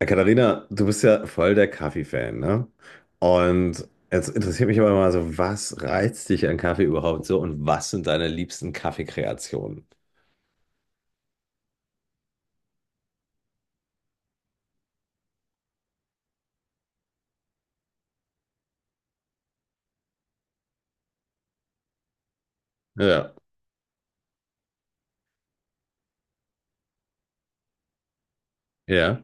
Katharina, du bist ja voll der Kaffee-Fan, ne? Und jetzt interessiert mich aber mal so, was reizt dich an Kaffee überhaupt so und was sind deine liebsten Kaffeekreationen? Ja, ja,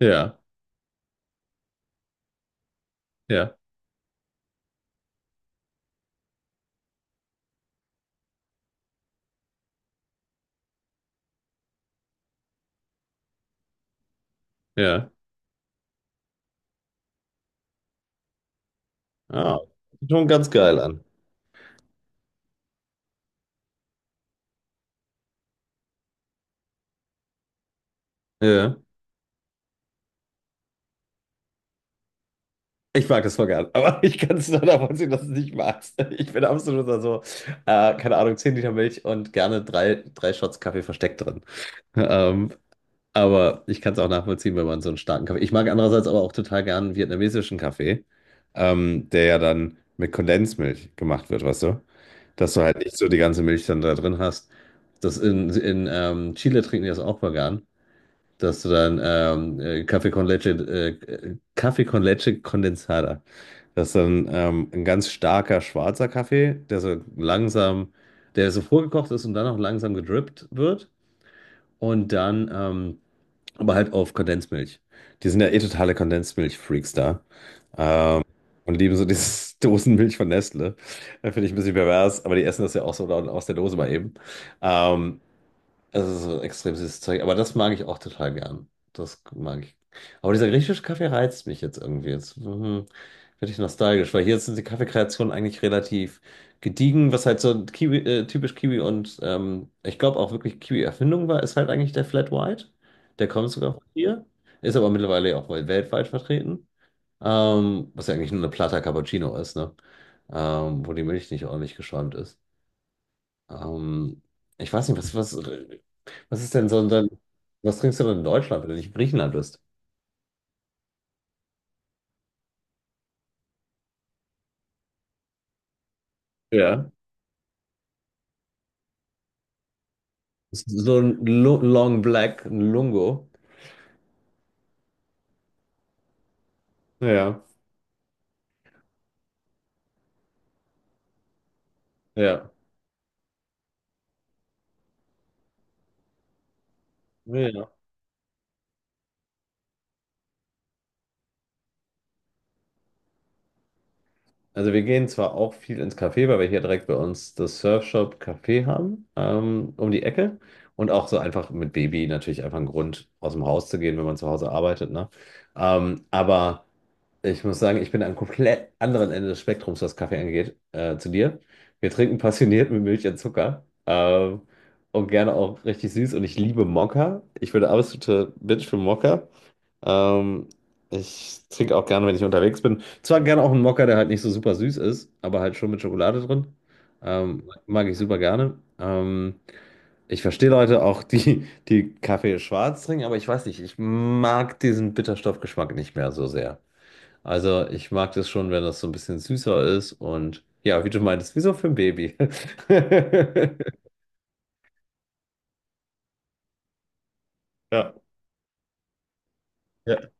ja, ja, ja. Ah, sieht schon ganz geil an. Ja. Ich mag das voll gern, aber ich kann es nur davon sehen, dass du es nicht magst. Ich bin absoluter so, keine Ahnung, 10 Liter Milch und gerne drei Shots Kaffee versteckt drin. Ähm, Aber ich kann es auch nachvollziehen, wenn man so einen starken Kaffee. Ich mag andererseits aber auch total gern vietnamesischen Kaffee, der ja dann mit Kondensmilch gemacht wird, weißt du? Dass du halt nicht so die ganze Milch dann da drin hast. Das in Chile trinken die das auch vegan, dass du dann Kaffee con leche Condensada. Das ist dann ein ganz starker schwarzer Kaffee, der so vorgekocht ist und dann auch langsam gedrippt wird und dann aber halt auf Kondensmilch. Die sind ja eh totale Kondensmilch-Freaks da. Ähm, und lieben so dieses Dosenmilch von Nestle. Das finde ich ein bisschen pervers, aber die essen das ja auch so dann aus der Dose mal eben. Ähm, Es ist so extrem süßes Zeug, aber das mag ich auch total gern. Das mag ich. Aber dieser griechische Kaffee reizt mich jetzt irgendwie. Jetzt werde ich nostalgisch, weil hier sind die Kaffeekreationen eigentlich relativ gediegen, was halt so Kiwi, typisch Kiwi und ich glaube auch wirklich Kiwi-Erfindung war, ist halt eigentlich der Flat White. Der kommt sogar von hier, ist aber mittlerweile auch wohl weltweit vertreten. Was ja eigentlich nur eine Plata Cappuccino ist, ne? Wo die Milch nicht ordentlich geschäumt ist. Ähm, ich weiß nicht, was, was, was ist denn so ein, dein- was trinkst du denn in Deutschland, wenn du nicht in Griechenland bist? Ja, so ein Long Black, ein Lungo. Ja, ja. Ja. Also wir gehen zwar auch viel ins Café, weil wir hier direkt bei uns das Surfshop Café haben, um die Ecke. Und auch so einfach mit Baby natürlich einfach ein Grund, aus dem Haus zu gehen, wenn man zu Hause arbeitet, ne? Aber ich muss sagen, ich bin am komplett anderen Ende des Spektrums, was Kaffee angeht, zu dir. Wir trinken passioniert mit Milch und Zucker. Und gerne auch richtig süß. Und ich liebe Mokka. Ich bin der absolute Bitch für Mokka. Ähm, Ich trinke auch gerne, wenn ich unterwegs bin. Zwar gerne auch einen Mokka, der halt nicht so super süß ist, aber halt schon mit Schokolade drin. Mag ich super gerne. Ich verstehe Leute auch, die Kaffee schwarz trinken, aber ich weiß nicht, ich mag diesen Bitterstoffgeschmack nicht mehr so sehr. Also ich mag das schon, wenn das so ein bisschen süßer ist und ja, wie du meintest, wie so für ein Baby. Ja, ja,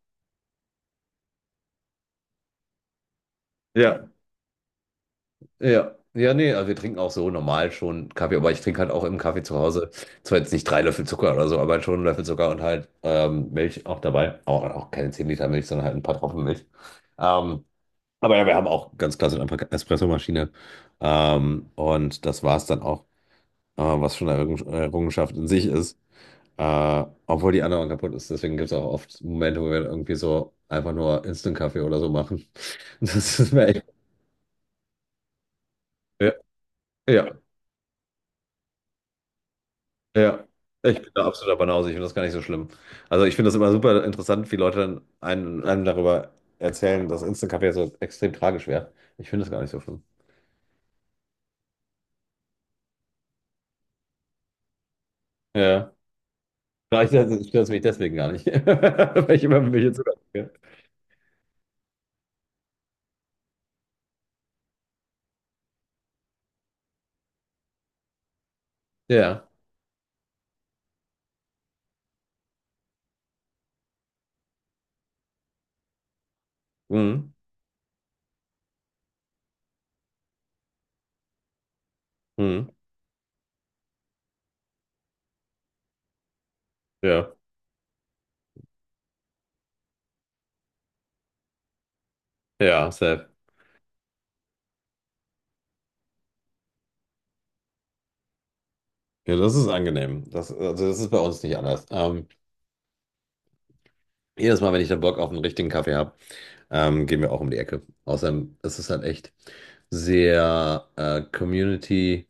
ja. Ja, ja, nee, also wir trinken auch so normal schon Kaffee, aber ich trinke halt auch im Kaffee zu Hause. Zwar jetzt nicht 3 Löffel Zucker oder so, aber halt schon einen Löffel Zucker und halt Milch auch dabei. Auch keine 10 Liter Milch, sondern halt ein paar Tropfen Milch. Ähm, aber ja, wir haben auch ganz klassisch einfach Espressomaschine. Und das war es dann auch, was schon eine Errungenschaft in sich ist. Obwohl die andere kaputt ist, deswegen gibt es auch oft Momente, wo wir irgendwie so einfach nur Instant-Kaffee oder so machen. Das ist mir echt. Ja. Ja, ja, ich bin da absoluter Banause, ich finde das gar nicht so schlimm. Also ich finde das immer super interessant, wie Leute dann einem darüber erzählen, dass Instant Kaffee so extrem tragisch wäre. Ich finde das gar nicht so schlimm. Ja. Vielleicht stört es mich deswegen gar nicht. Weil ich immer mit mir. Ja. Mhm. Mhm. Ja. Ja, safe. Ja, das ist angenehm. Das, also das ist bei uns nicht anders. Jedes Mal, wenn ich dann Bock auf einen richtigen Kaffee habe, gehen wir auch um die Ecke. Außerdem ist es halt echt sehr Community.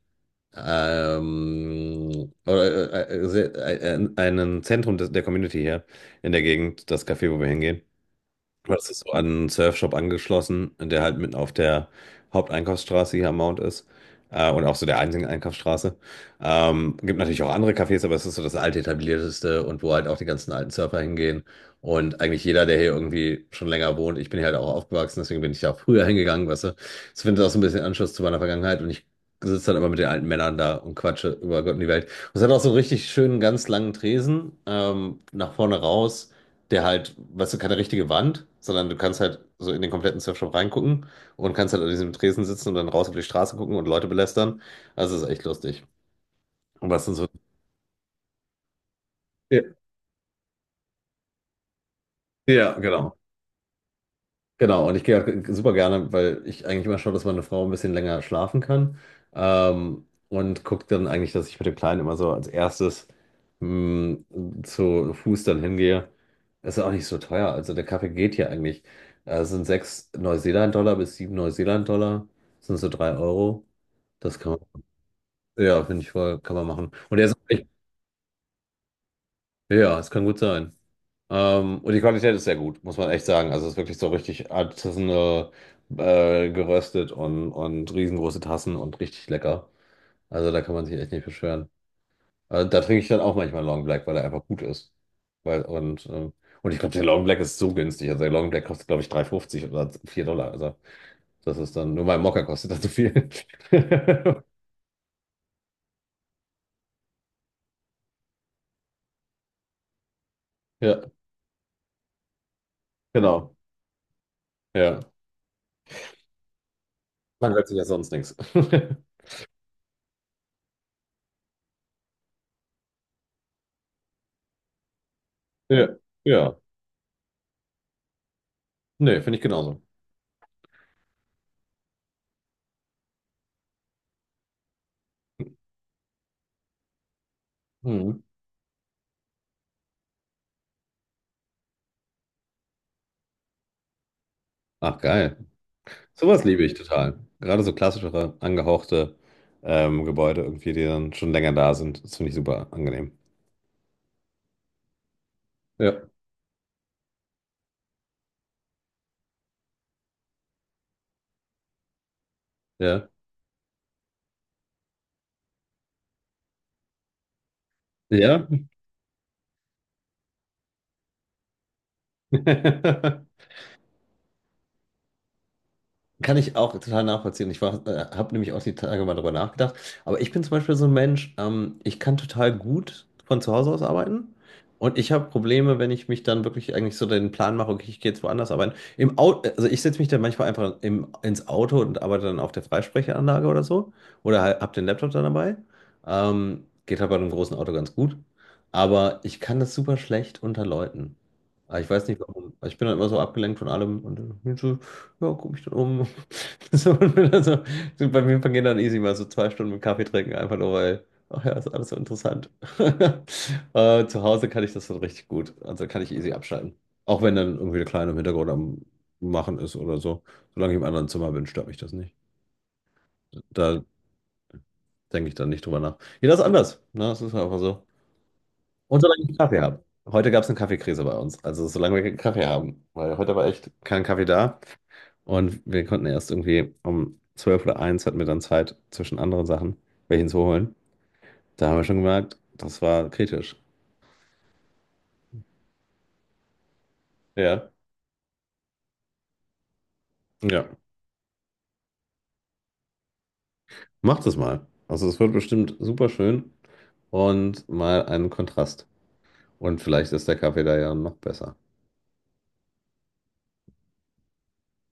Oder, einen Zentrum des, der Community hier in der Gegend, das Café, wo wir hingehen. Das ist so an einen Surfshop angeschlossen, der halt mitten auf der Haupteinkaufsstraße hier am Mount ist. Und auch so der einzigen Einkaufsstraße. Gibt natürlich auch andere Cafés, aber es ist so das alte etablierteste und wo halt auch die ganzen alten Surfer hingehen. Und eigentlich jeder, der hier irgendwie schon länger wohnt, ich bin hier halt auch aufgewachsen, deswegen bin ich da auch früher hingegangen, weißt du. Ich finde das findet auch so ein bisschen Anschluss zu meiner Vergangenheit und ich sitze dann immer mit den alten Männern da und quatsche über Gott und die Welt. Und es hat auch so einen richtig schönen, ganz langen Tresen, nach vorne raus der halt, weißt du, keine richtige Wand, sondern du kannst halt so in den kompletten Surfshop reingucken und kannst halt an diesem Tresen sitzen und dann raus auf die Straße gucken und Leute belästern. Also das ist echt lustig. Und was sind so. Ja, ja, genau. Genau, und ich gehe auch super gerne, weil ich eigentlich immer schaue, dass meine Frau ein bisschen länger schlafen kann. Und gucke dann eigentlich, dass ich mit dem Kleinen immer so als erstes mh, zu Fuß dann hingehe. Ist ja auch nicht so teuer. Also der Kaffee geht hier eigentlich. Es sind 6 Neuseeland-Dollar bis 7 Neuseeland-Dollar. Das sind so 3 Euro. Das kann man. Ja, finde ich voll, kann man machen. Und er ist ja, es kann gut sein. Und die Qualität ist sehr gut, muss man echt sagen. Also es ist wirklich so richtig artisanal geröstet und riesengroße Tassen und richtig lecker. Also da kann man sich echt nicht beschweren. Da trinke ich dann auch manchmal Long Black, weil er einfach gut ist. Weil, und, ähm, und ich glaube, der Long Black ist so günstig. Also der Long Black kostet, glaube ich, 3,50 oder 4 Dollar. Also das ist dann, nur mein Mokka kostet dann so viel. Ja, genau. Ja. Man hört sich ja sonst nichts. Ja, ja. Nee, finde ich genauso. Mhm. Ach, geil. Sowas liebe ich total. Gerade so klassischere, angehauchte Gebäude, irgendwie, die dann schon länger da sind. Das finde ich super angenehm. Ja. Ja. Ja. Kann ich auch total nachvollziehen. Ich habe nämlich auch die Tage mal drüber nachgedacht. Aber ich bin zum Beispiel so ein Mensch, ich kann total gut von zu Hause aus arbeiten. Und ich habe Probleme, wenn ich mich dann wirklich eigentlich so den Plan mache, okay, ich gehe jetzt woanders arbeiten. Im Auto, also ich setze mich dann manchmal einfach ins Auto und arbeite dann auf der Freisprechanlage oder so. Oder halt, habe den Laptop dann dabei. Geht halt bei einem großen Auto ganz gut. Aber ich kann das super schlecht unter Leuten. Aber ich weiß nicht warum. Also ich bin dann immer so abgelenkt von allem und äh, ja, guck mich dann um. So, und dann so, bei mir vergehen dann easy mal so 2 Stunden mit Kaffee trinken, einfach nur weil, ach ja, ist alles so interessant. Zu Hause kann ich das dann richtig gut. Also kann ich easy abschalten. Auch wenn dann irgendwie der Kleine im Hintergrund am Machen ist oder so. Solange ich im anderen Zimmer bin, stört mich das nicht. Da denke ich dann nicht drüber nach. Jeder ist anders. Ne? Das ist einfach so. Und solange ich Kaffee habe. Heute gab es eine Kaffeekrise bei uns. Also solange wir keinen Kaffee haben. Weil heute war echt kein Kaffee da. Und wir konnten erst irgendwie um 12 oder 1 hatten wir dann Zeit zwischen anderen Sachen, welchen zu holen. Da haben wir schon gemerkt, das war kritisch. Ja. Ja. Macht es mal. Also es wird bestimmt super schön und mal einen Kontrast. Und vielleicht ist der Kaffee da ja noch besser.